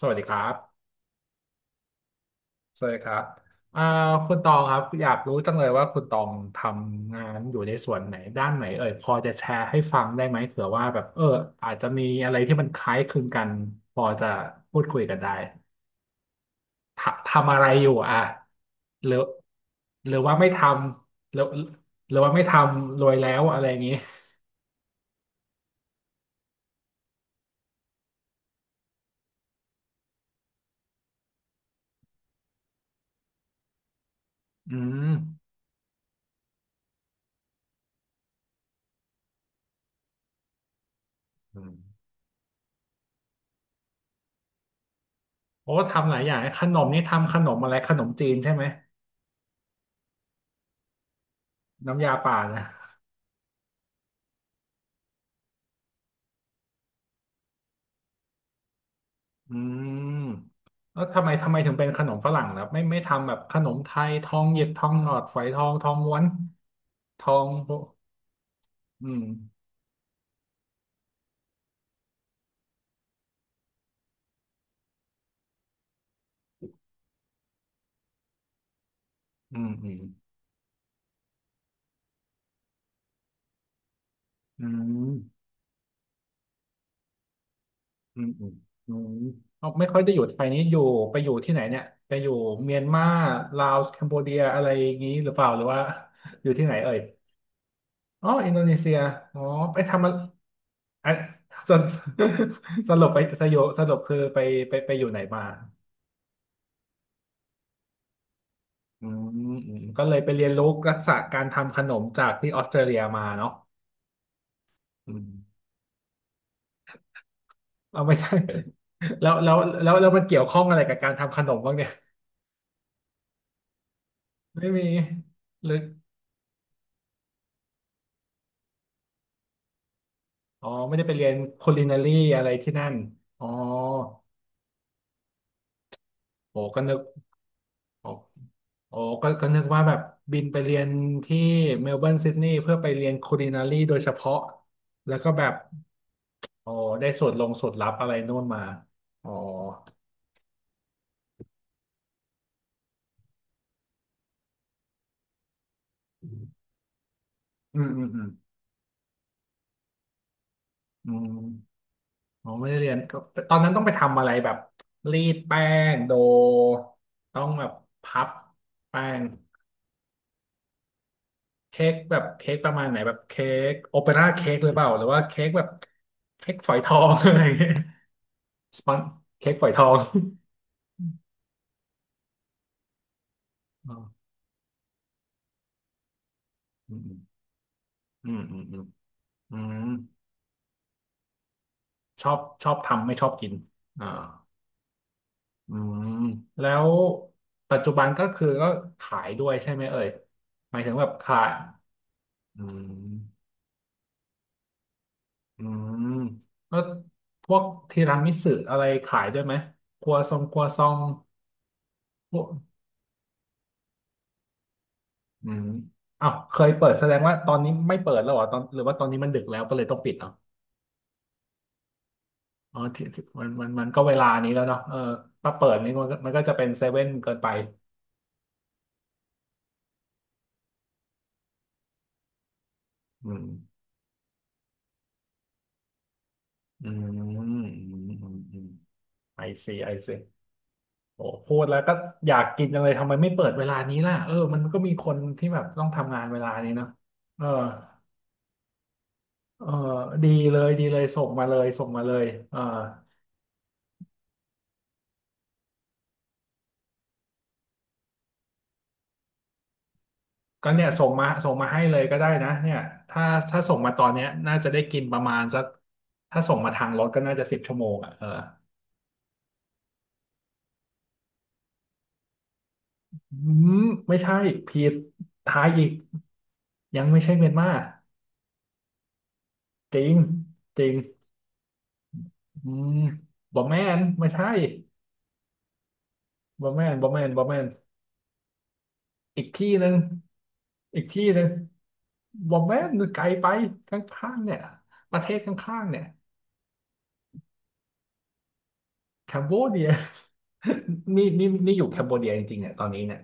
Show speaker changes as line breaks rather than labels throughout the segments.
สวัสดีครับ สวัสดีครับอ่าคุณตองครับอยากรู้จังเลยว่าคุณตองทำงานอยู่ในส่วนไหนด้านไหนเอ่ยพอจะแชร์ให้ฟังได้ไหมเผื่อว่าแบบอาจจะมีอะไรที่มันคล้ายคลึงกันพอจะพูดคุยกันได้ททำอะไรอยู่อ่ะหรือว่าไม่ทำหรือว่าไม่ทำรวยแล้วอะไรอย่างนี้อืมอืมโอ้ทำหลายอย่างขนมนี่ทำขนมอะไรขนมจีนใช่ไหมน้ำยาป่านะ อืมแล้วทำไมถึงเป็นขนมฝรั่งล่ะไม่ทำแบบขนมไทยทองหยิบทองหลอดฝอยทองทองม้วนทองโบอืมอืมอืมอืมอืมอืมอืมเอาไม่ค่อยได้อยู่ไทยนี้อยู่ไปอยู่ที่ไหนเนี่ยไปอยู่เมียนมาลาวคัมโบเดียอะไรอย่างนี้หรือเปล่าหรือว่าอยู่ที่ไหนเอ่ยอ๋ออินโดนีเซียอ๋อไปทำอะไอสรุปสรุปไปสยบสรุปคือไปไปอยู่ไหนมา อืมอืมก็เลยไปเรียนรู้ทักษะการทำขนมจากที่ออสเตรเลียมาเนาะอืมเอาไม่ได้ แล้วแล้วแล้วมันเกี่ยวข้องอะไรกับการทำขนมบ้างเนี่ยไม่มีหรืออ๋อไม่ได้ไปเรียนค u l ินารีอะไรที่นั่นอ๋อโอ้ก็นึกโอ้โอ้ก็นึกว่าแบบบินไปเรียนที่เมลเบิร์นซิดนีย์เพื่อไปเรียนค u l ินารีโดยเฉพาะแล้วก็แบบโอ้ได้สูตรลงสูตรลับอะไรนู่นมาอ๋ออืมอืมอืมอืม อ๋อไม่ได้เรียนก็ตอนนั้นต้องไปทำอะไรแบบรีดแป้งโดต้องแบบพับแป้งเค้กแบบเค้กประมาณไหนแบบเค้กโอเปร่าเค้กหรือเปล่าหรือว่าเค้กแบบเค้กฝอยทอง อะไรอย่างเงี้ยสปังเค้กฝอยทอง อ๋ออืมอืมอืมอืมอืมชอบชอบทำไม่ชอบกินอ่าอืมแล้วปัจจุบันก็คือก็ขายด้วยใช่ไหมเอ่ยหมายถึงแบบขายอืม อืมแล้วพวกทีรามิสุอะไรขายด้วยไหมครัวซองครัวซองพวกอืมอ้าวเคยเปิดแสดงว่าตอนนี้ไม่เปิดแล้วเหรอตอนหรือว่าตอนนี้มันดึกแล้วก็เลยต้องปิดเหรออ๋อที่ที่มันก็เวลานี้แล้วเนาะเออถ้าเปิดนี่มันก็มันก็จะเป็นเซเว่นเกินไปอืมอืมอืมอืมอืมไอซีไอซีโอ้พูดแล้วก็อยากกินจังเลยทำไมไม่เปิดเวลานี้ล่ะเออมันก็มีคนที่แบบต้องทำงานเวลานี้เนาะเออ เออดีเลยดีเลยส่งมาเลยส่งมาเลยเออก็เนี่ยส่งมาส่งมาให้เลยก็ได้นะเนี่ยถ้าถ้าส่งมาตอนเนี้ยน่าจะได้กินประมาณสักถ้าส่งมาทางรถก็น่าจะ10 ชั่วโมงอ่ะเอออืมไม่ใช่ผิดทายอีกยังไม่ใช่เมียนมาจริงจริงอืมบอแมนไม่ใช่บอแมนบอแมนบอแมนอีกที่หนึ่งอีกที่หนึ่งบอแมนไกลไปข้างๆเนี่ยประเทศข้างๆเนี่ย แคมโบเดีย นี่นี่นี่อยู่แคมโบเดียจริงๆเนี่ยตอนนี้เนี่ย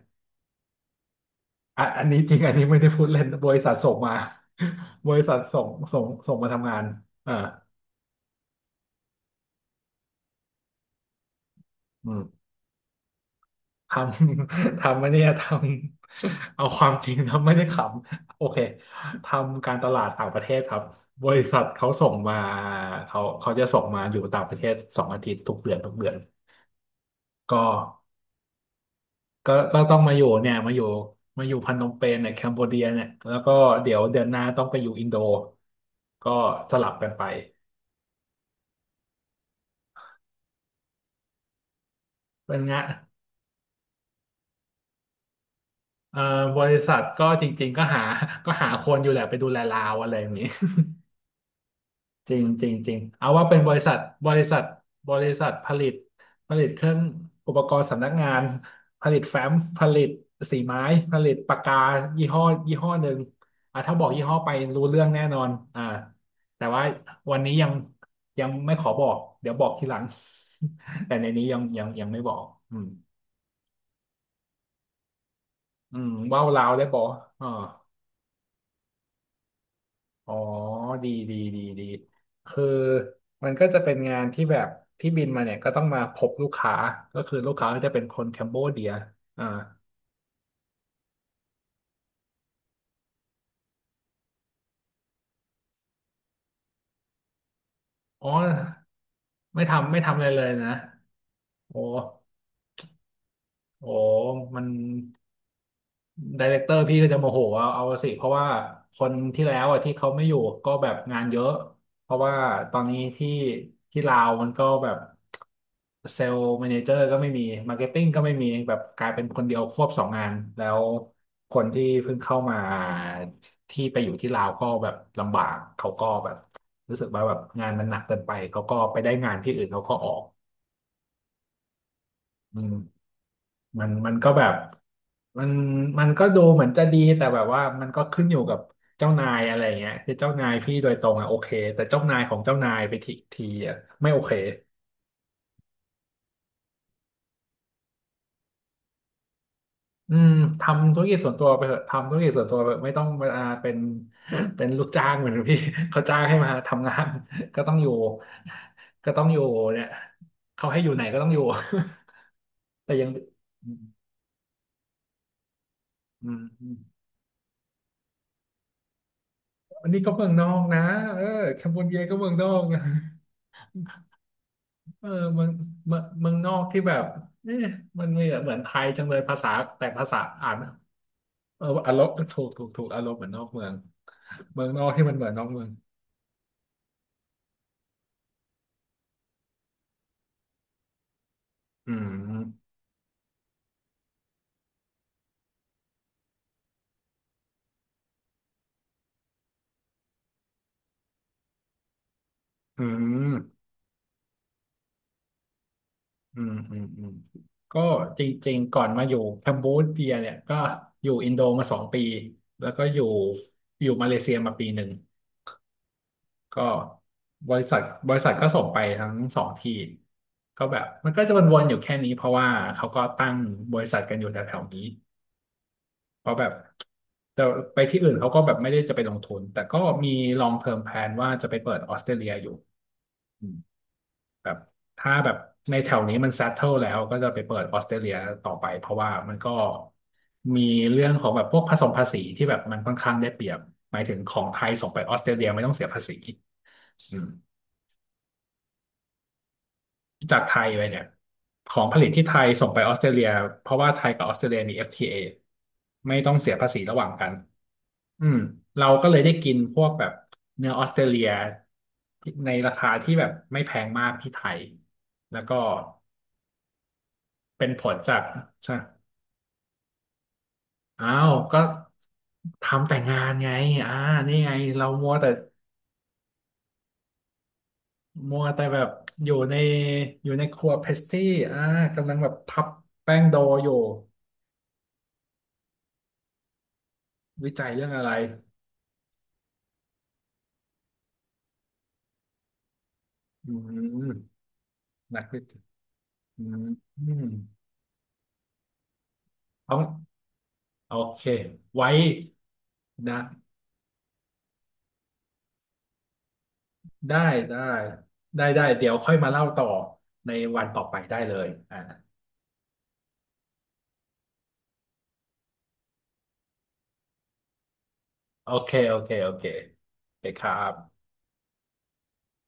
อ่ะอันนี้จริงอันนี้ไม่ได้พูดเล่นบริษัทส่งมา บริษัทส่งมาทำงานอ่าอืมทำ ทำไม่เนี่ยทำเอาความจริงทำไม่ได้ขำโอเคทำการตลาดต่างประเทศครับ บริษัทเขาส่งมาเขาจะส่งมาอยู่ต่างประเทศ2 อาทิตย์ทุกเดือนทุกเดือนก็ ก็ต้องมาอยู่เนี่ยมาอยู่ มาอยู่พนมเปญเนี่ยแคมโบเดียเนี่ยแล้วก็เดี๋ยวเดือนหน้าต้องไปอยู่อินโด ก็สลับกันไปเป็นไงเอ่อบริษัทก็จริงๆก็หาก็หาคนอยู่แหละไปดูแลลาวอะไรอย่างนี้ จริงจริงจริงเอาว่าเป็นบริษัทบริษัทบริษัทผลิตเครื่องอุปกรณ์สำนักงานผลิตแฟ้มผลิตสีไม้ผลิตปากกายี่ห้อยี่ห้อหนึ่งอ่ะถ้าบอกยี่ห้อไปรู้เรื่องแน่นอนอ่าแต่ว่าวันนี้ยังไม่ขอบอกเดี๋ยวบอกทีหลัง แต่ในนี้ยังไม่บอกอืมอืมว่าวลาวได้บอกอ่า อ๋อ ดีดีดีดีคือมันก็จะเป็นงานที่แบบที่บินมาเนี่ยก็ต้องมาพบลูกค้าก็คือลูกค้าก็จะเป็นคนแคมโบเดียอ่าอ๋อไม่ทำอะไรเลยนะโอ้โอ้มัน ไดเรคเตอร์พี่ก็จะโมโหเอาสิเพราะว่าคนที่แล้วอ่ะที่เขาไม่อยู่ก็แบบงานเยอะเพราะว่าตอนนี้ที่ลาวมันก็แบบเซลล์แมเนเจอร์ก็ไม่มีมาร์เก็ตติ้งก็ไม่มีแบบกลายเป็นคนเดียวควบสองงานแล้วคนที่เพิ่งเข้ามาที่ไปอยู่ที่ลาวก็แบบลำบากเขาก็แบบรู้สึกว่าแบบงานมันหนักเกินไปเขาก็ไปได้งานที่อื่นเขาก็ออกอืม มันก็แบบมันมันก็ดูเหมือนจะดีแต่แบบว่ามันก็ขึ้นอยู่กับเจ้านายอะไรเงี้ยคือเจ้านายพี่โดยตรงอ่ะโอเคแต่เจ้านายของเจ้านายไปทีอ่ะไม่โอเคอืมทำธุรกิจส่วนตัวไปเถอะทำธุรกิจส่วนตัวไปเถอะไม่ต้องมาเป็นเป็นลูกจ้างเหมือนพี่ เขาจ้างให้มาทำงาน ก็ต้องอยู่ก็ต้องอยู่เนี่ยเขาให้อยู่ไหนก็ต้องอยู่ แต่ยังอืมอืมอันนี้ก็เมืองนอกนะเออแคมโบเดียก็เมืองนอกนะ เออเมืองเมืองนอกที่แบบเอ๊ะมันไม่เหมือนไทยจังเลยภาษาแต่ภาษาอ่านเอออารมณ์ถูกอารมณ์เหมือนนอกเมืองเมืองนอกที่มันเหมือนนอกเมืองอืมอืมอืมอืมอืมก็จริงๆก่อนมาอยู่แคมบูเดียเนี่ยก็อยู่อินโดมา2 ปีแล้วก็อยู่อยู่มาเลเซียมา1 ปีก็บริษัทบริษัทก็ส่งไปทั้งสองที่ก็แบบมันก็จะวนๆอยู่แค่นี้เพราะว่าเขาก็ตั้งบริษัทกันอยู่แถวๆนี้ เพราะแบบแต่ไปที่อื่นเขาก็แบบไม่ได้จะไปลงทุนแต่ก็มี long term plan ว่าจะไปเปิดออสเตรเลียอยู่อืมแบบถ้าแบบในแถวนี้มัน settle แล้วก็จะไปเปิดออสเตรเลียต่อไปเพราะว่ามันก็มีเรื่องของแบบพวกผสมภาษีที่แบบมันค่อนข้างได้เปรียบหมายถึงของไทยส่งไปออสเตรเลียไม่ต้องเสียภาษีอืม จากไทยไปเนี่ยของผลิตที่ไทยส่งไปออสเตรเลียเพราะว่าไทยกับออสเตรเลียมี FTA ไม่ต้องเสียภาษีระหว่างกันอืมเราก็เลยได้กินพวกแบบเนื้อออสเตรเลียที่ในราคาที่แบบไม่แพงมากที่ไทยแล้วก็เป็นผลจากใช่อ้าวก็ทำแต่งานไงอ่านี่ไงเรามัวแต่แบบอยู่ในอยู่ในครัวเพสตี้อ่ากำลังแบบพับแป้งโดอยู่วิจัยเรื่องอะไร อืมนักวิัยอืมอืมต้องโอเค ไว้นะได้ได้ ได้ ได้ เดี๋ยวค่อยมาเล่าต่อในวันต่อไปได้เลยอ่าโอเค โอเค โอเคไปครับ